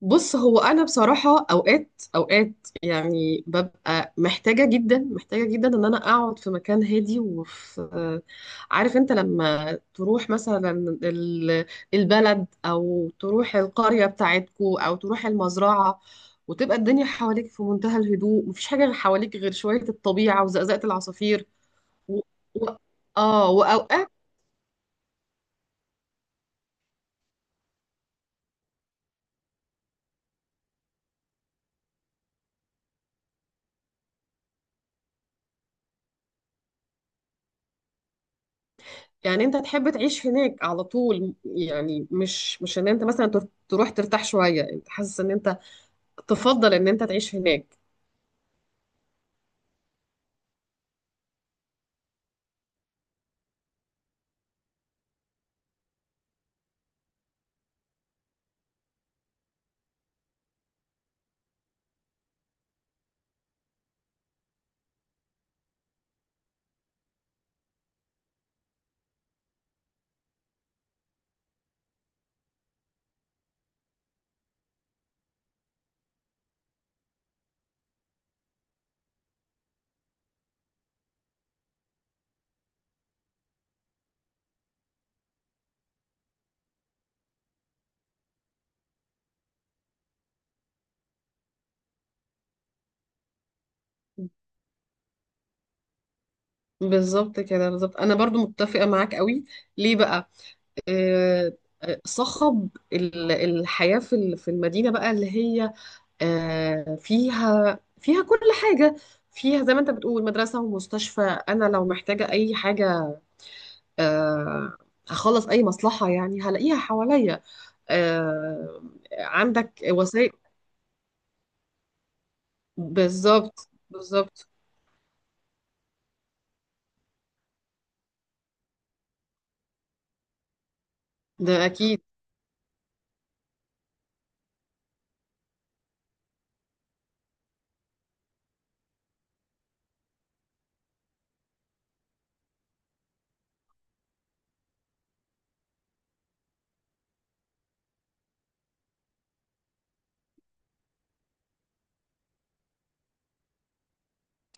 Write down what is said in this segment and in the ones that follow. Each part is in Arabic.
بص، هو انا بصراحه اوقات اوقات يعني ببقى محتاجه جدا محتاجه جدا ان انا اقعد في مكان هادي. وفي آه، عارف انت لما تروح مثلا ال- البلد او تروح القريه بتاعتكو او تروح المزرعه، وتبقى الدنيا حواليك في منتهى الهدوء، مفيش حاجه حواليك غير شويه الطبيعه وزقزقه العصافير. و... و... اه، واوقات يعني. انت تحب تعيش هناك على طول، يعني مش ان انت مثلا تروح ترتاح شوية؟ انت حاسس ان انت تفضل ان انت تعيش هناك؟ بالظبط كده، بالظبط، انا برضو متفقة معاك قوي. ليه بقى؟ آه صخب الحياة في في المدينة بقى، اللي هي فيها كل حاجة. فيها زي ما انت بتقول مدرسة ومستشفى. انا لو محتاجة اي حاجة، آه هخلص اي مصلحة، يعني هلاقيها حواليا. آه، عندك وسائل. بالظبط بالظبط. ده اكيد.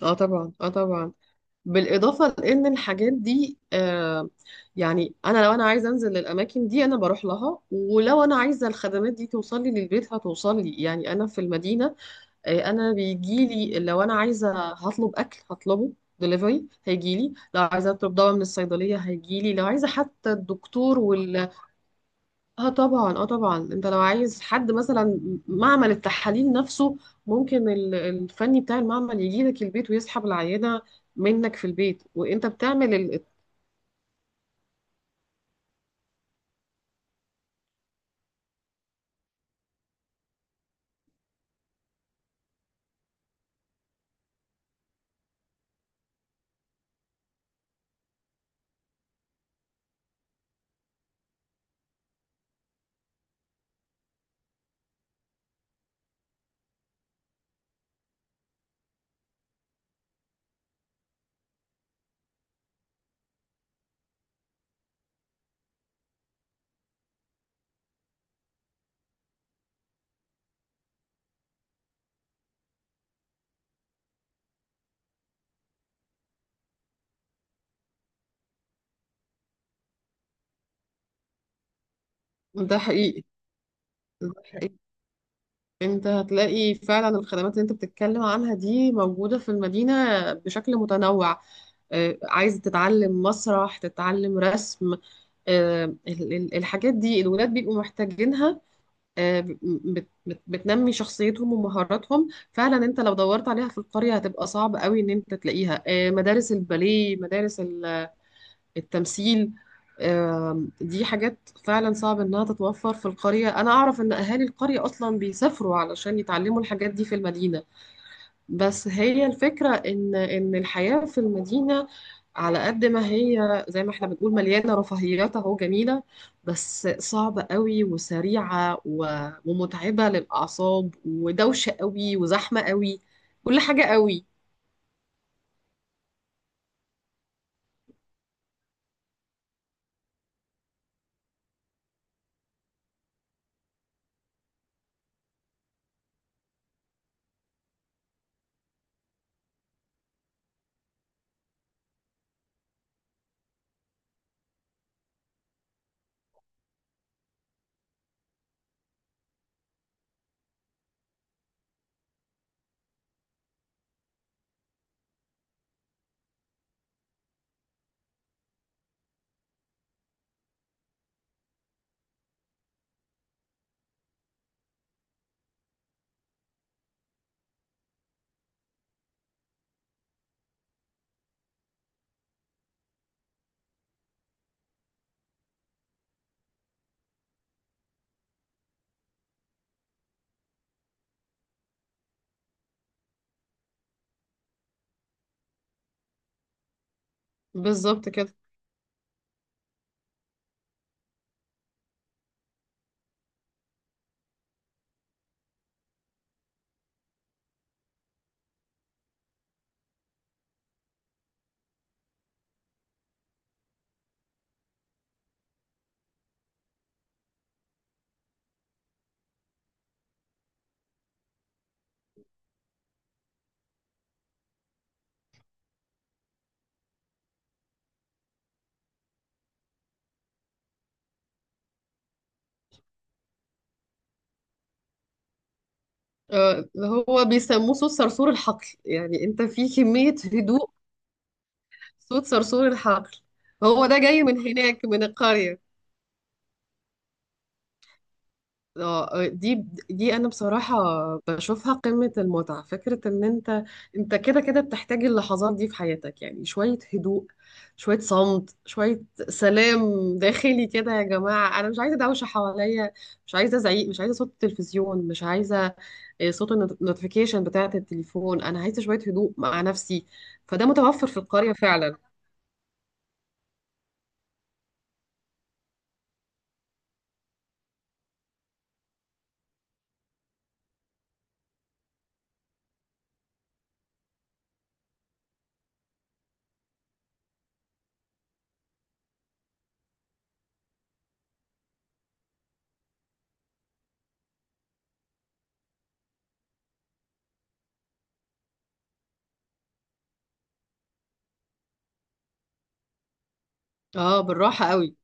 اه طبعا، اه طبعا. بالاضافه لان الحاجات دي، يعني انا لو انا عايزه انزل للاماكن دي انا بروح لها، ولو انا عايزه الخدمات دي توصل لي للبيت هتوصل لي. يعني انا في المدينه، انا بيجي لي. لو انا عايزه هطلب اكل هطلبه، دليفري هيجي لي. لو عايزه اطلب دواء من الصيدليه هيجي لي. لو عايزه حتى الدكتور. اه طبعا، اه طبعا. انت لو عايز حد مثلا معمل التحاليل نفسه، ممكن الفني بتاع المعمل يجي لك البيت ويسحب العينة منك في البيت وانت بتعمل. ده حقيقي. ده حقيقي. انت هتلاقي فعلا الخدمات اللي انت بتتكلم عنها دي موجودة في المدينة بشكل متنوع. عايز تتعلم مسرح، تتعلم رسم. الحاجات دي الولاد بيبقوا محتاجينها. بتنمي شخصيتهم ومهاراتهم. فعلا انت لو دورت عليها في القرية هتبقى صعب قوي ان انت تلاقيها. مدارس الباليه، مدارس التمثيل. دي حاجات فعلا صعب انها تتوفر في القرية. انا اعرف ان اهالي القرية اصلا بيسافروا علشان يتعلموا الحاجات دي في المدينة. بس هي الفكرة إن الحياة في المدينة، على قد ما هي زي ما احنا بنقول مليانة رفاهيات أهو، جميلة، بس صعبة قوي وسريعة ومتعبة للأعصاب ودوشة قوي وزحمة قوي، كل حاجة قوي. بالظبط كده. آه، هو بيسموه صوت صرصور الحقل. يعني أنت في كمية هدوء، صوت صرصور الحقل. هو ده جاي من هناك من القرية. اه. دي انا بصراحة بشوفها قمة المتعة. فكرة ان انت، انت كده كده بتحتاج اللحظات دي في حياتك. يعني شوية هدوء، شوية صمت، شوية سلام داخلي كده. يا جماعة انا مش عايزة دوشة حواليا، مش عايزة زعيق، مش عايزة صوت التلفزيون، مش عايزة صوت النوتيفيكيشن بتاعة التليفون. انا عايزة شوية هدوء مع نفسي. فده متوفر في القرية فعلا. اه، بالراحة قوي.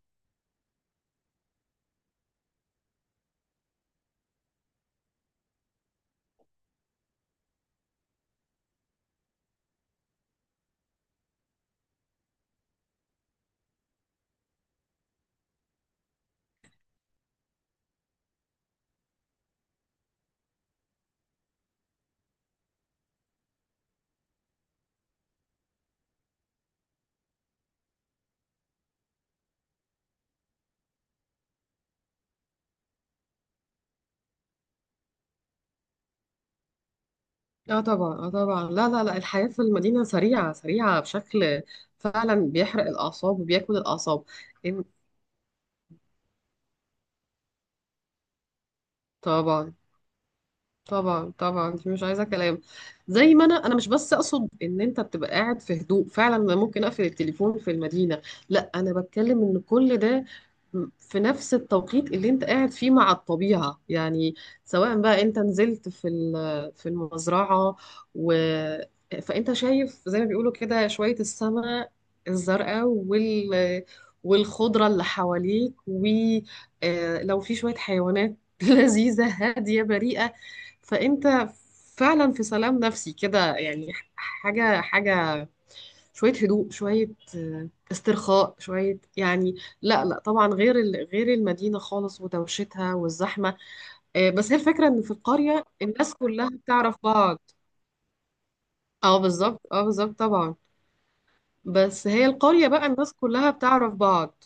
اه طبعا، اه طبعا. لا لا لا، الحياة في المدينة سريعة سريعة بشكل فعلا بيحرق الأعصاب وبياكل الأعصاب. إن- طبعا. طبعا طبعا، دي مش عايزه كلام. زي ما انا مش بس اقصد ان انت بتبقى قاعد في هدوء. فعلا انا ممكن اقفل التليفون في المدينه. لا، انا بتكلم ان كل ده في نفس التوقيت اللي انت قاعد فيه مع الطبيعه. يعني سواء بقى انت نزلت في في المزرعه، و فانت شايف زي ما بيقولوا كده شويه السماء الزرقاء والخضره اللي حواليك، ولو في شويه حيوانات لذيذه هاديه بريئه. فانت فعلا في سلام نفسي كده. يعني حاجه حاجه، شويه هدوء، شويه استرخاء شويه يعني. لا لا، طبعا غير غير المدينه خالص ودوشتها والزحمه. بس هي الفكره ان في القريه الناس كلها بتعرف بعض. اه بالظبط، اه بالظبط، طبعا. بس هي القريه بقى الناس كلها بتعرف بعض.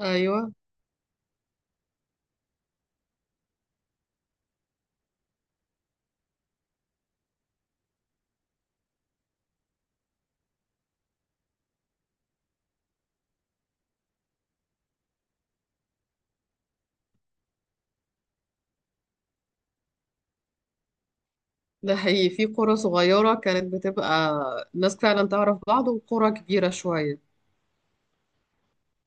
ايوه ده حقيقي. في قرى صغيره كانت بتبقى الناس فعلا تعرف بعض، وقرى كبيره شويه